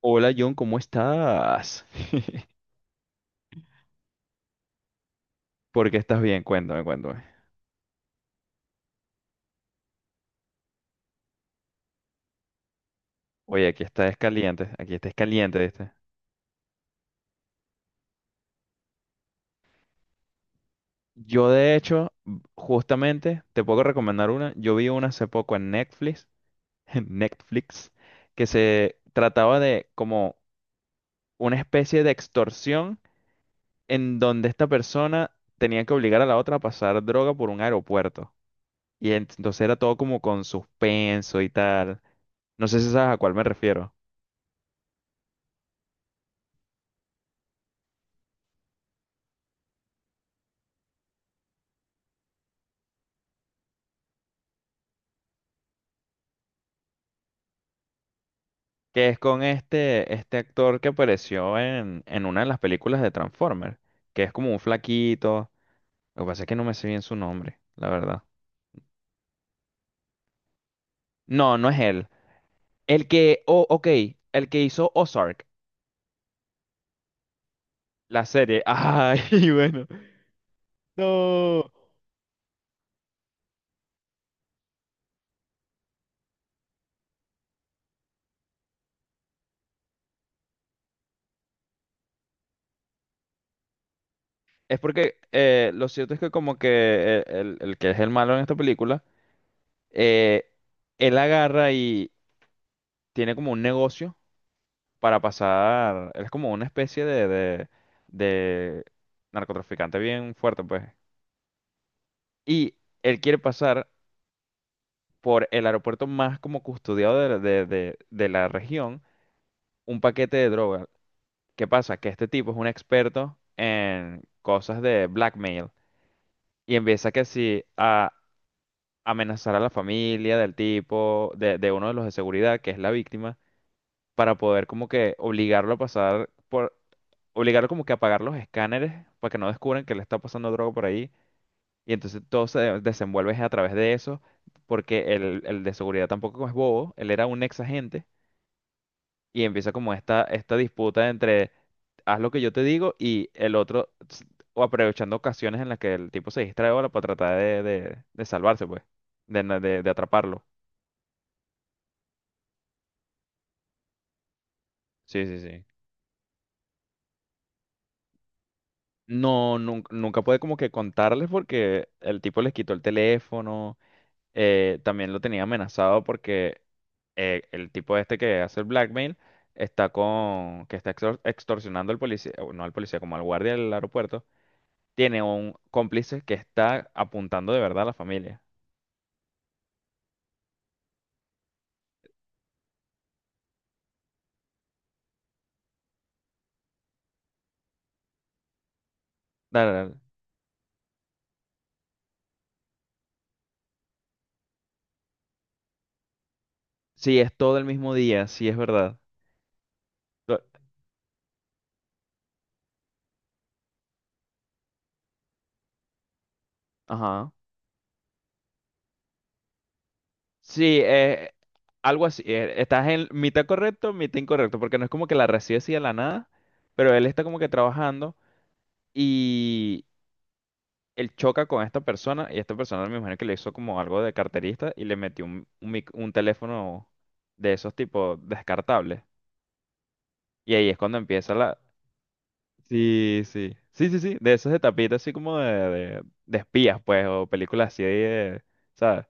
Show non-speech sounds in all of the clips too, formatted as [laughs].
Hola John, ¿cómo estás? [laughs] ¿Por qué estás bien? Cuéntame, cuéntame. Oye, aquí estás caliente, ¿viste? Yo de hecho, justamente, te puedo recomendar una. Yo vi una hace poco en Netflix, [laughs] en Netflix, que se trataba de como una especie de extorsión en donde esta persona tenía que obligar a la otra a pasar droga por un aeropuerto. Y entonces era todo como con suspenso y tal. No sé si sabes a cuál me refiero. Que es con este actor que apareció en una de las películas de Transformers, que es como un flaquito. Lo que pasa es que no me sé bien su nombre, la verdad. No, no es él. El que, oh, ok, el que hizo Ozark, la serie. Ay, [laughs] bueno, no. Es porque lo cierto es que como que el que es el malo en esta película, eh, él agarra y tiene como un negocio para pasar, él es como una especie de narcotraficante bien fuerte, pues. Y él quiere pasar por el aeropuerto más como custodiado de la región un paquete de droga. ¿Qué pasa? Que este tipo es un experto en cosas de blackmail y empieza que sí a amenazar a la familia del tipo, de uno de los de seguridad, que es la víctima para poder como que obligarlo a pasar por, obligarlo como que a apagar los escáneres para que no descubran que le está pasando droga por ahí. Y entonces todo se desenvuelve es a través de eso, porque el de seguridad tampoco es bobo, él era un ex agente y empieza como esta disputa entre haz lo que yo te digo y el otro, o aprovechando ocasiones en las que el tipo se distrae ahora para tratar de salvarse, pues, de, de atraparlo. Sí, sí, sí. No, nunca pude como que contarles porque el tipo les quitó el teléfono, también lo tenía amenazado porque el tipo este que hace el blackmail está con, que está extorsionando al policía, o no al policía, como al guardia del aeropuerto, tiene un cómplice que está apuntando de verdad a la familia. Dale, dale. Sí, es todo el mismo día, sí es verdad. Lo- Ajá. Sí, algo así. Estás en mitad correcto, mitad incorrecto, porque no es como que la recibe así de la nada, pero él está como que trabajando y él choca con esta persona y esta persona me imagino que le hizo como algo de carterista y le metió un teléfono de esos tipos descartables. Y ahí es cuando empieza la... Sí, sí. Sí, sí, sí. De esos de tapita así como de espías, pues, o películas así de... ¿Sabes?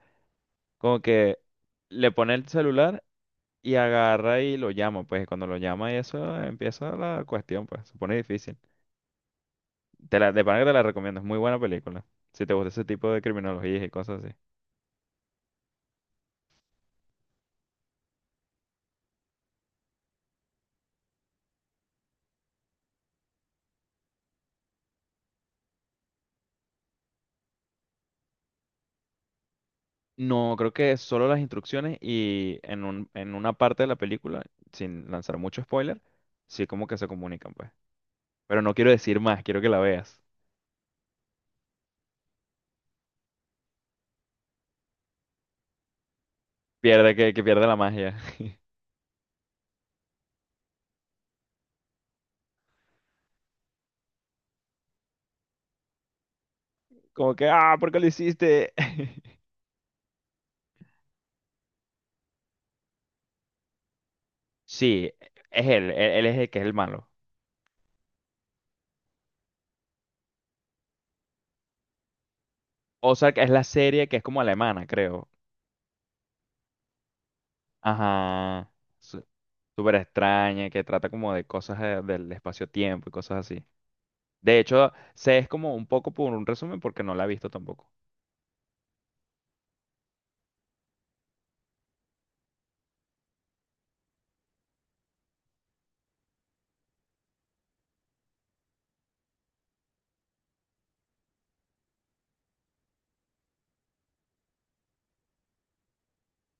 Como que le pone el celular. Y agarra y lo llama, pues cuando lo llama y eso empieza la cuestión, pues se pone difícil. Te la, de pana que te la recomiendo, es muy buena película. Si te gusta ese tipo de criminologías y cosas así. No, creo que solo las instrucciones y en un, en una parte de la película, sin lanzar mucho spoiler, sí como que se comunican, pues. Pero no quiero decir más, quiero que la veas. Pierde que pierde la magia. [laughs] Como que, ah, ¿por qué lo hiciste? [laughs] Sí, es él es el que es el malo. Ozark es la serie que es como alemana, creo. Ajá. su- Súper extraña, que trata como de cosas del espacio-tiempo y cosas así. De hecho, sé es como un poco por un resumen porque no la he visto tampoco.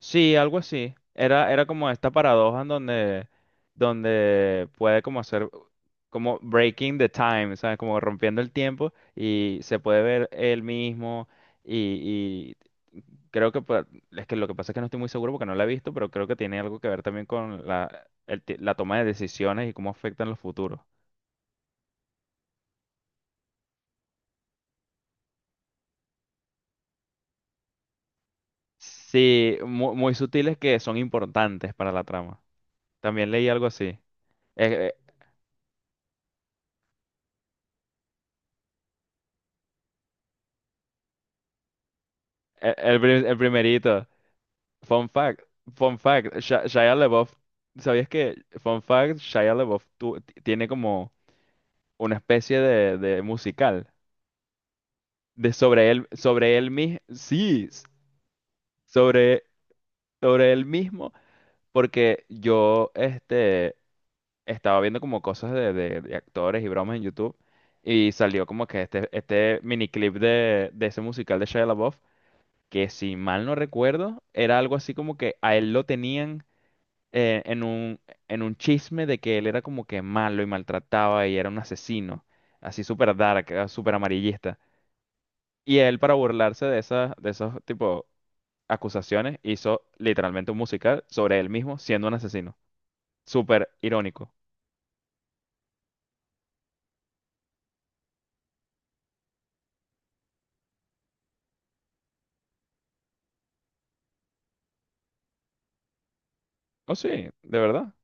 Sí, algo así. Era, era como esta paradoja en donde, donde puede como hacer como breaking the time, ¿sabes? Como rompiendo el tiempo y se puede ver él mismo y, y creo que es que lo que pasa es que no estoy muy seguro porque no la he visto, pero creo que tiene algo que ver también con la, el la toma de decisiones y cómo afectan los futuros. Sí, muy, sutiles que son importantes para la trama. También leí algo así. Eh, El, el primerito. Fun fact, fun fact, Shia LaBeouf, ¿sabías que, fun fact, Shia LaBeouf tiene como una especie de musical de sobre él mismo, sí, sobre, sobre él mismo, porque yo, este, estaba viendo como cosas de actores y bromas en YouTube y salió como que este miniclip de ese musical de Shia LaBeouf, que si mal no recuerdo, era algo así como que a él lo tenían eh, en un, en un chisme de que él era como que malo y maltrataba y era un asesino, así súper dark, súper amarillista. Y él, para burlarse de esas, de esos tipo acusaciones, hizo literalmente un musical sobre él mismo siendo un asesino. Súper irónico. Oh, sí, de verdad.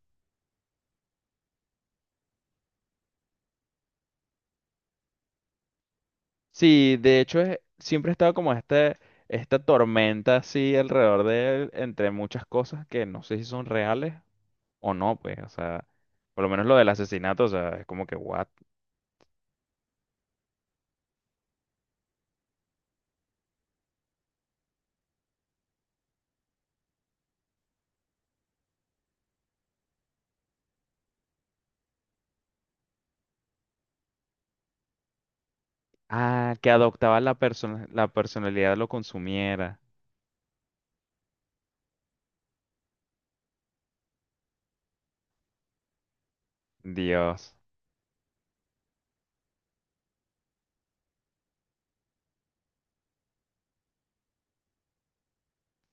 Sí, de hecho, siempre ha estado como este, esta tormenta así alrededor de él, entre muchas cosas que no sé si son reales o no, pues, o sea, por lo menos lo del asesinato, o sea, es como que, what? Ah, que adoptaba la persona, la personalidad lo consumiera. Dios,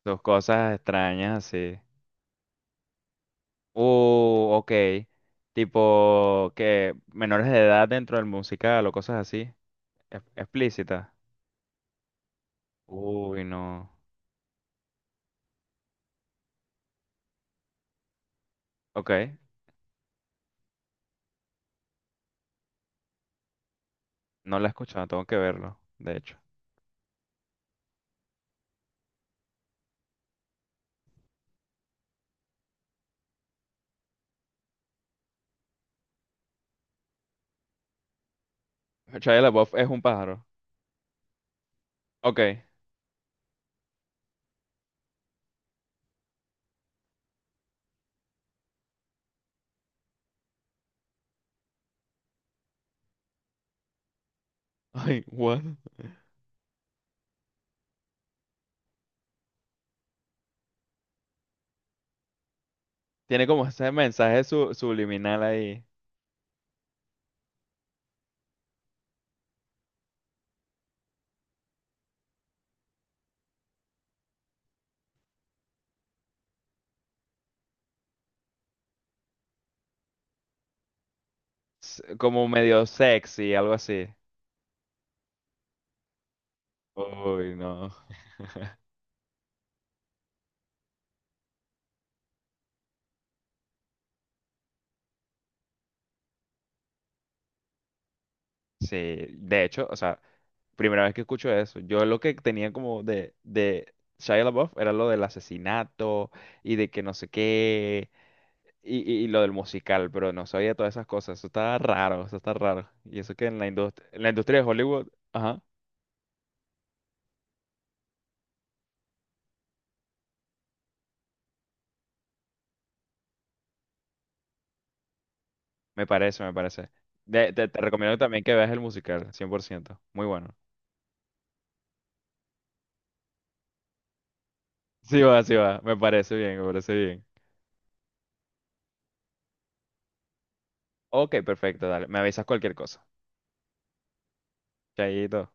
dos cosas extrañas así. Ok. Tipo que menores de edad dentro del musical o cosas así. Explícitas. Uy, no. Ok, no la he escuchado, tengo que verlo, de hecho. Shia LaBeouf es un pájaro. Ok. [laughs] Ay, what? Tiene como ese mensaje subliminal ahí. Como medio sexy, algo así. Uy, no. Sí, de hecho, o sea, primera vez que escucho eso. Yo lo que tenía como de Shia LaBeouf era lo del asesinato y de que no sé qué y, y lo del musical, pero no sabía todas esas cosas. Eso está raro, eso está raro. Y eso que en la industria de Hollywood, ajá, me parece, me parece. Te, te recomiendo también que veas el musical, 100%. Muy bueno. Sí va, me parece bien, me parece bien. Ok, perfecto, dale. Me avisas cualquier cosa. Chaito.